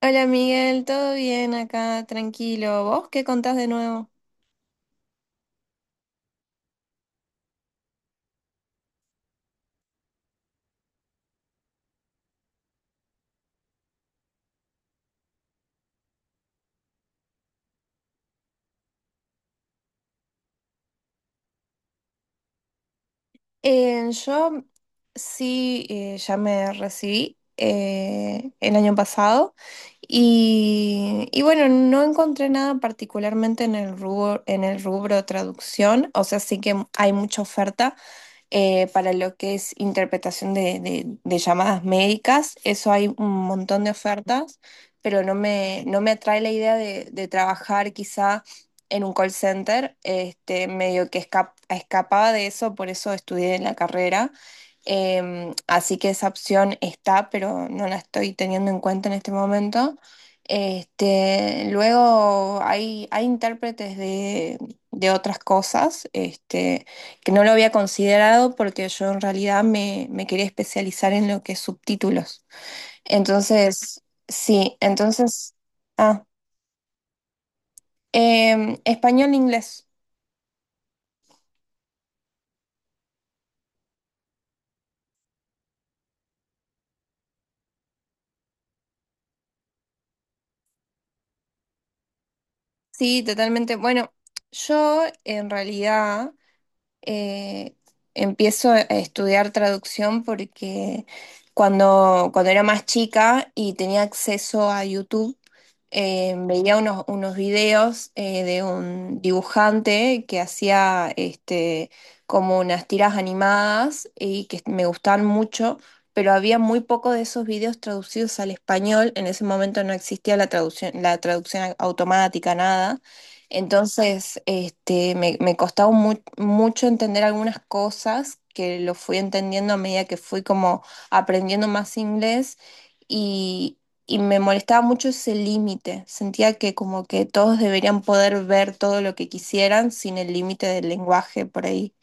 Hola Miguel, ¿todo bien acá? Tranquilo. ¿Vos qué contás de nuevo? Yo sí, ya me recibí el año pasado y bueno, no encontré nada particularmente en el rubro traducción, o sea, sí que hay mucha oferta. Para lo que es interpretación de llamadas médicas, eso hay un montón de ofertas, pero no me atrae la idea de trabajar quizá en un call center. Este, medio que escapaba de eso, por eso estudié en la carrera. Así que esa opción está, pero no la estoy teniendo en cuenta en este momento. Este, luego hay intérpretes de otras cosas. Este, que no lo había considerado porque yo en realidad me quería especializar en lo que es subtítulos. Entonces, sí, entonces, ah, em, español, inglés. Sí, totalmente. Bueno, yo en realidad eh, empiezo a estudiar traducción porque cuando era más chica y tenía acceso a YouTube, veía unos videos de un dibujante que hacía este, como unas tiras animadas y que me gustaban mucho, pero había muy poco de esos videos traducidos al español. En ese momento no existía la traducción automática, nada. Entonces, este, me costaba mucho entender algunas cosas que lo fui entendiendo a medida que fui como aprendiendo más inglés y, y me molestaba mucho ese límite. Sentía que como que todos deberían poder ver todo lo que quisieran sin el límite del lenguaje por ahí.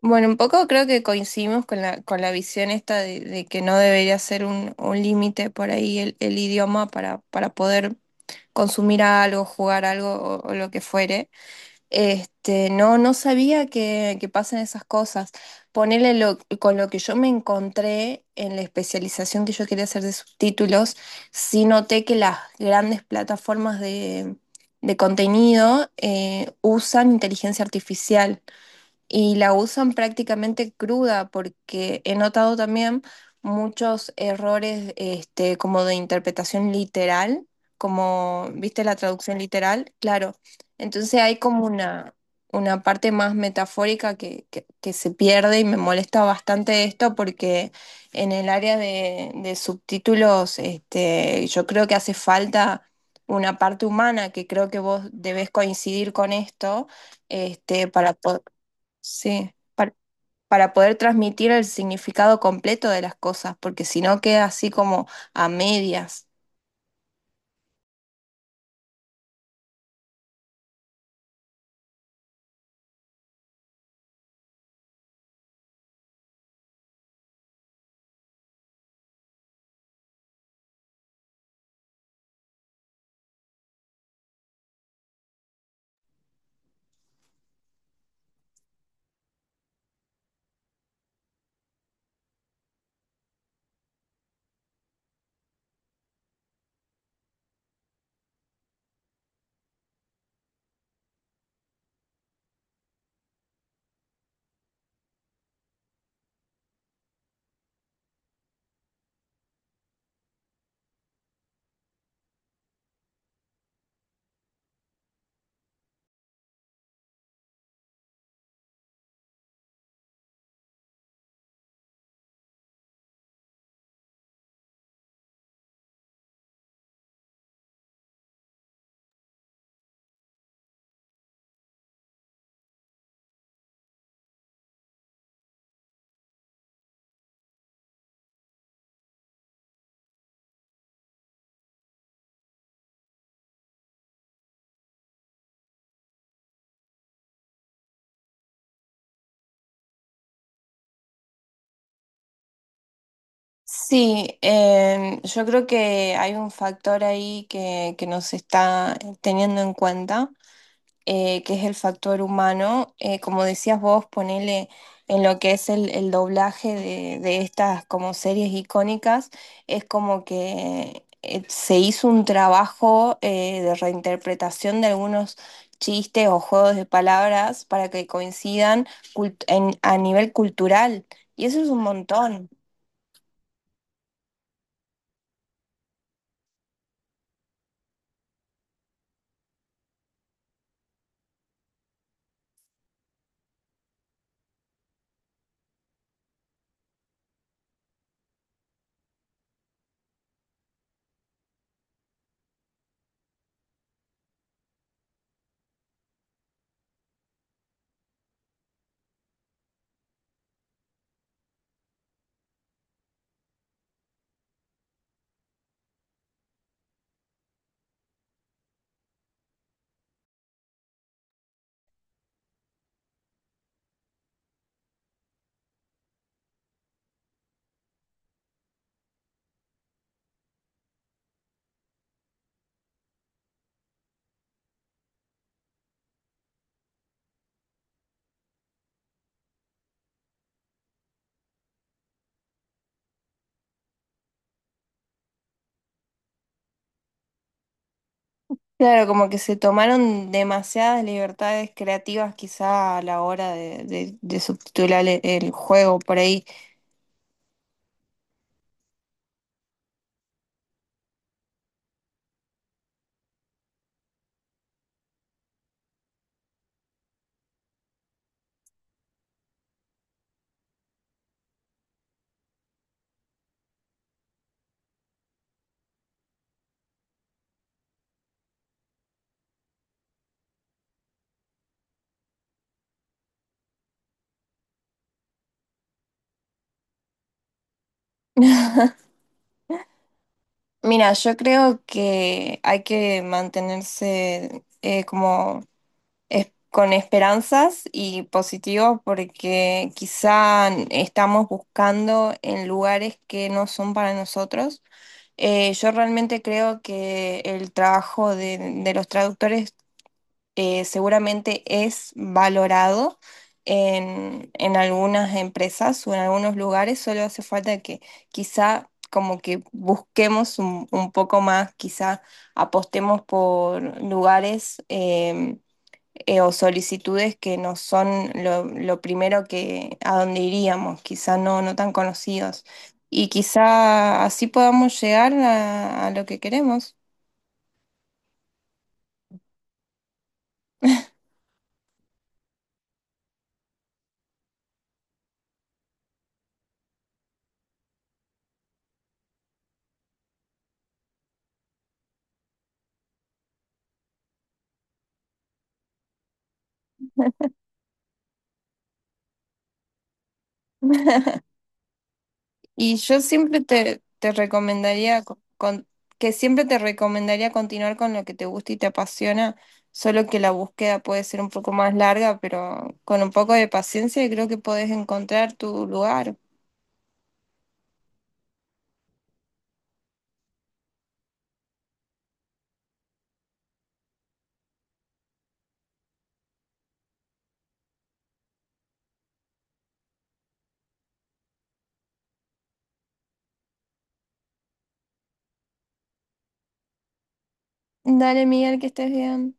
Bueno, un poco creo que coincidimos con con la visión esta de que no debería ser un límite por ahí el idioma para poder consumir algo, jugar algo o lo que fuere. Este, no, no sabía que pasan esas cosas. Ponele con lo que yo me encontré en la especialización que yo quería hacer de subtítulos, sí noté que las grandes plataformas de contenido usan inteligencia artificial y la usan prácticamente cruda porque he notado también muchos errores este, como de interpretación literal, como, ¿viste la traducción literal? Claro. Entonces hay como una parte más metafórica que se pierde y me molesta bastante esto porque en el área de subtítulos este, yo creo que hace falta una parte humana que creo que vos debés coincidir con esto este, Sí, par- para poder transmitir el significado completo de las cosas, porque si no queda así como a medias. Sí, yo creo que hay un factor ahí que no se está teniendo en cuenta. Que es el factor humano. Como decías vos, ponele en lo que es el doblaje de estas como series icónicas, es como que se hizo un trabajo de reinterpretación de algunos chistes o juegos de palabras para que coincidan a nivel cultural. Y eso es un montón. Claro, como que se tomaron demasiadas libertades creativas quizá a la hora de subtitular el juego por ahí. Mira, yo creo que hay que mantenerse como con esperanzas y positivo porque quizá estamos buscando en lugares que no son para nosotros. Yo realmente creo que el trabajo de los traductores seguramente es valorado en algunas empresas o en algunos lugares, solo hace falta que quizá como que busquemos un poco más, quizá apostemos por lugares em, o solicitudes que no son lo primero que a donde iríamos, quizá no, no tan conocidos. Y quizá así podamos llegar a lo que queremos. Y yo siempre te recomendaría que siempre te recomendaría continuar con lo que te gusta y te apasiona, solo que la búsqueda puede ser un poco más larga, pero con un poco de paciencia creo que podés encontrar tu lugar. Dale, Miguel, que estés bien.